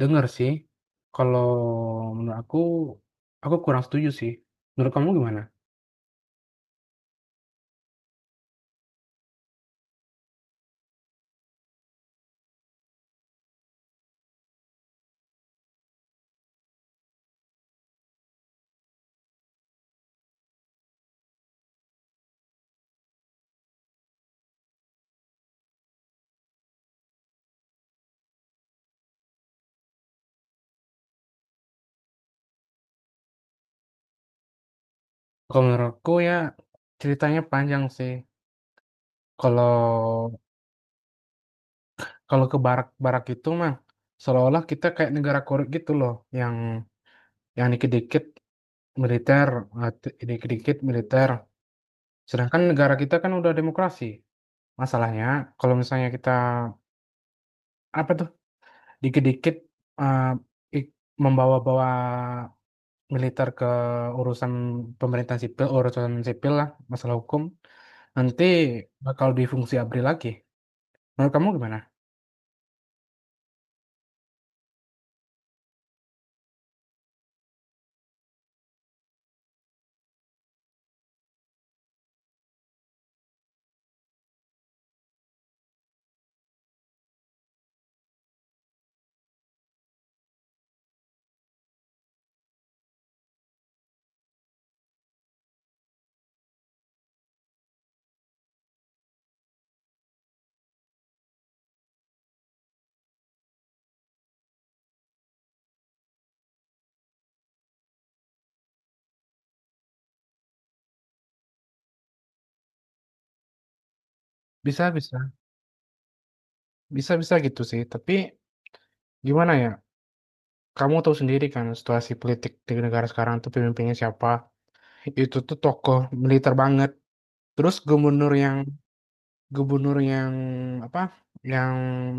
Dengar sih. Kalau menurut aku kurang setuju sih. Menurut kamu gimana? Kalau menurut aku ya ceritanya panjang sih. Kalau kalau ke barak-barak itu mah seolah-olah kita kayak negara korup gitu loh, yang yang dikit-dikit militer, dikit-dikit militer. Sedangkan negara kita kan udah demokrasi. Masalahnya kalau misalnya kita apa tuh dikit-dikit eh, ik- membawa-bawa militer ke urusan pemerintahan sipil, urusan sipil lah, masalah hukum, nanti bakal di fungsi ABRI lagi. Menurut kamu gimana? Bisa bisa. Bisa bisa gitu sih, tapi gimana ya, kamu tahu sendiri kan situasi politik di negara sekarang tuh pemimpinnya siapa, itu tuh tokoh militer banget. Terus gubernur yang apa, yang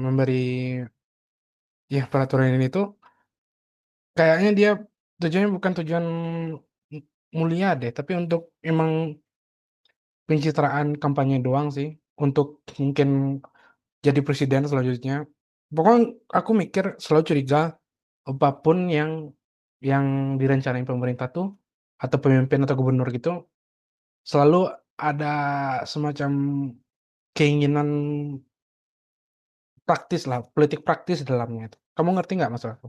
memberi ya peraturan ini tuh kayaknya dia tujuannya bukan tujuan mulia deh, tapi untuk emang pencitraan kampanye doang sih, untuk mungkin jadi presiden selanjutnya. Pokoknya aku mikir selalu curiga, apapun yang direncanain pemerintah tuh, atau pemimpin atau gubernur gitu, selalu ada semacam keinginan praktis lah politik praktis dalamnya itu. Kamu ngerti nggak maksud aku?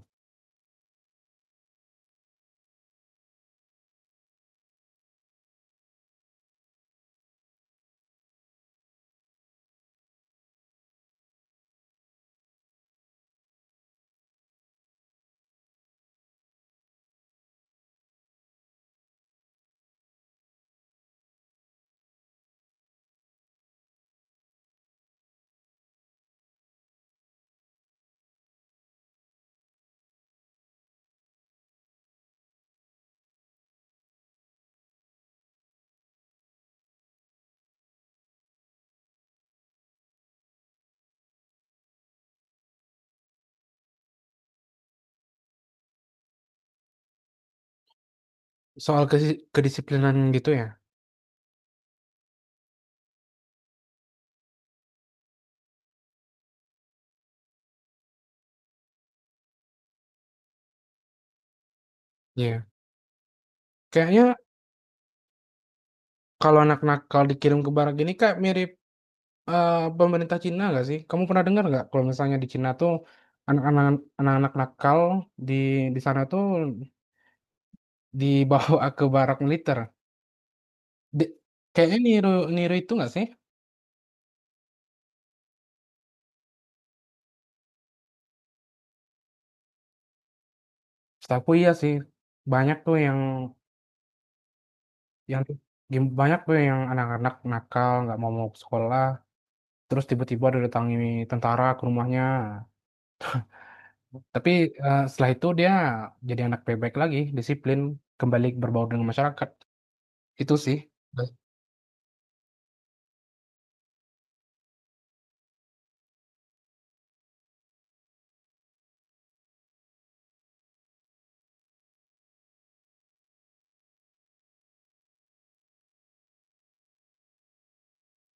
Soal kesi kedisiplinan gitu ya? Iya. Kayaknya kalau anak nakal dikirim ke barak gini kayak mirip pemerintah Cina nggak sih? Kamu pernah dengar nggak kalau misalnya di Cina tuh anak-anak anak-anak nakal di di sana tuh dibawa ke barak militer? Di kayaknya niru niru itu nggak sih? Setahuku iya sih. Banyak tuh yang gim banyak tuh yang anak-anak nakal nggak mau mau ke sekolah, terus tiba-tiba didatangi tentara ke rumahnya. Tapi, setelah itu dia jadi anak baik-baik lagi, disiplin, kembali berbaur dengan masyarakat. Itu sih. Ba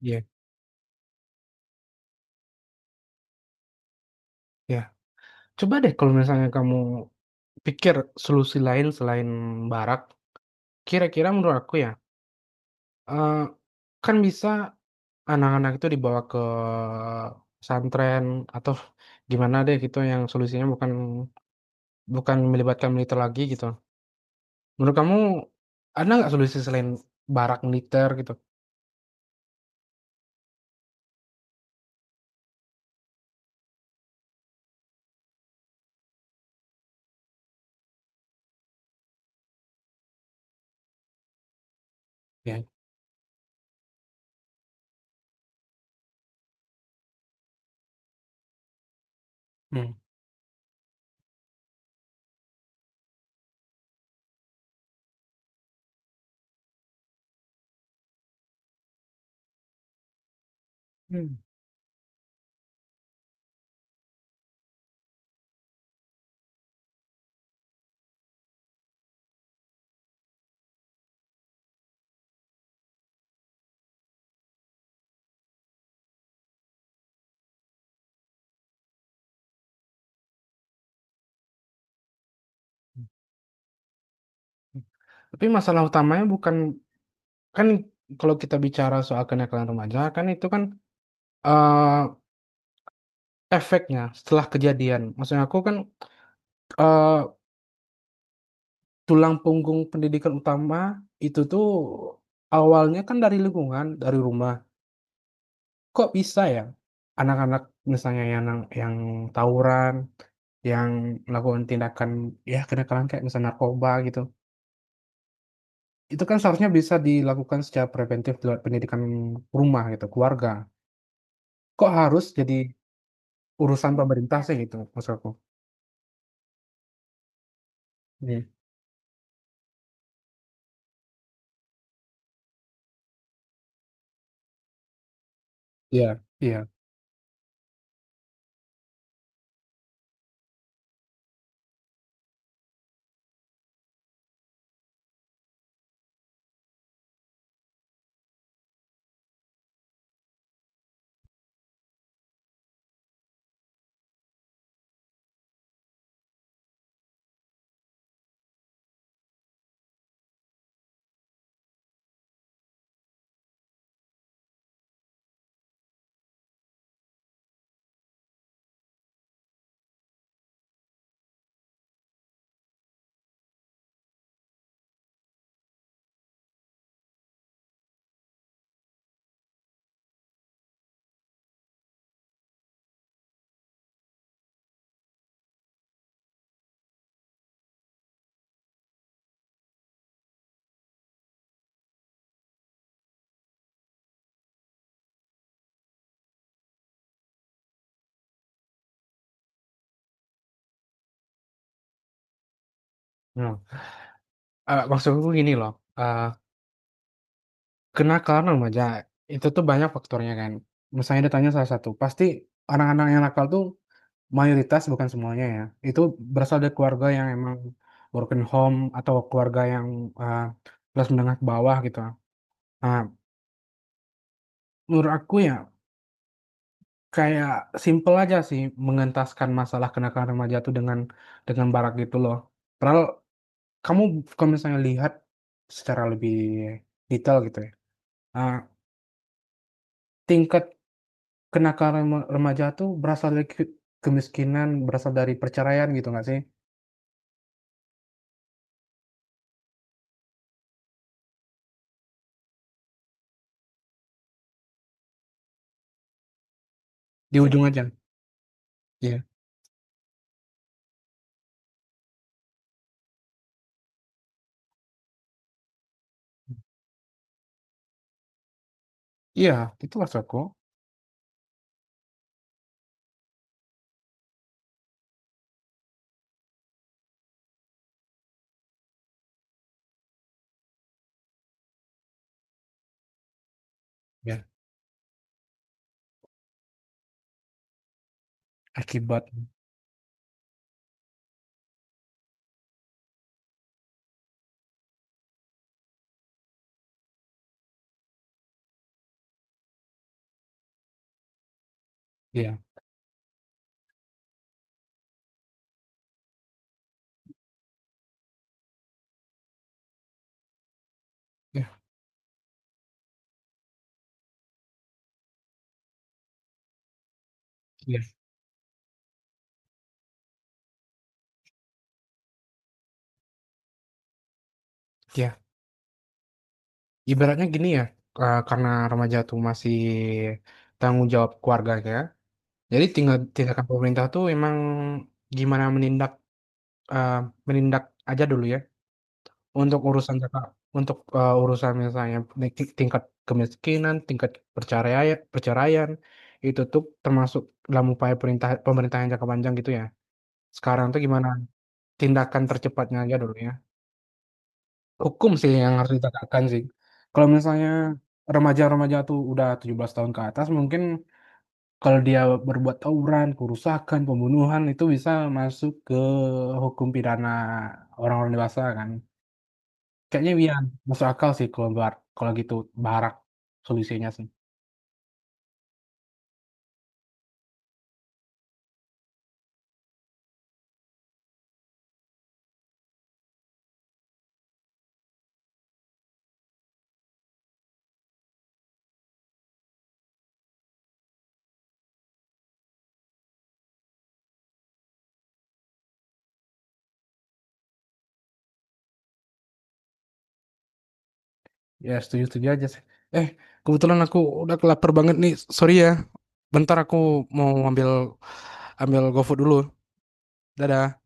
iya, iya. Coba deh kalau misalnya kamu pikir solusi lain selain barak, kira-kira menurut aku ya, eee, kan bisa anak-anak itu dibawa ke pesantren atau gimana deh gitu yang solusinya bukan bukan melibatkan militer lagi gitu. Menurut kamu ada nggak solusi selain barak militer gitu? Ya, mhm, mmm. Mmm. Tapi masalah utamanya bukan kan kalau kita bicara soal kenakalan remaja kan itu kan, eee, efeknya, setelah kejadian. Maksudnya aku kan, eee, tulang punggung pendidikan utama itu tuh awalnya kan dari lingkungan, dari rumah. Kok bisa ya anak-anak misalnya yang nang yang tawuran, yang melakukan tindakan, ya kenakalan kayak misalnya narkoba gitu, itu kan seharusnya bisa dilakukan secara preventif lewat pendidikan rumah gitu, keluarga. Kok harus jadi urusan pemerintah iya sih gitu maksud aku. Mhm, iya, iya. Nah, maksud aku gini loh, eee kena karena remaja, itu tuh banyak faktornya kan. Misalnya ditanya salah satu, pasti anak-anak yang nakal tuh mayoritas bukan semuanya ya, itu berasal dari keluarga yang emang broken home atau keluarga yang, eee, kelas menengah ke bawah gitu. Nah, menurut aku ya kayak simple aja sih mengentaskan masalah kenakalan remaja tuh dengan barak gitu loh. Padahal kamu kalau misalnya lihat secara lebih detail gitu ya, eee, tingkat kenakalan rema remaja tuh berasal dari ke kemiskinan, berasal dari perceraian gitu nggak sih? Di iya ujung aja? Iya. Iya, itu maksudku. Ya, akibat iya, iya, iya, iya. Ibaratnya gini ya, karena remaja tuh masih tanggung jawab keluarganya, jadi tinggal tindakan pemerintah tuh emang gimana menindak eee, menindak aja dulu ya. Untuk urusan Kakak untuk, urusan misalnya naik ti tingkat kemiskinan, tingkat percaraian perceraian, itu tuh termasuk dalam upaya perintah pemerintahan jangka panjang gitu ya? Sekarang tuh gimana tindakan tercepatnya aja dulu ya? Hukum sih yang harus ditegakkan sih. Kalau misalnya remaja-remaja tuh udah 17 tahun ke atas mungkin kalau dia berbuat tawuran, kerusakan, pembunuhan itu bisa masuk ke hukum pidana orang-orang dewasa kan. Kayaknya iya, masuk akal sih kalau bar kalau gitu barak solusinya sih. Ya setuju-setuju aja sih. Eh, kebetulan aku udah lapar banget nih, sorry ya. Bentar aku mau ambil ambil GoFood dulu. Dadah.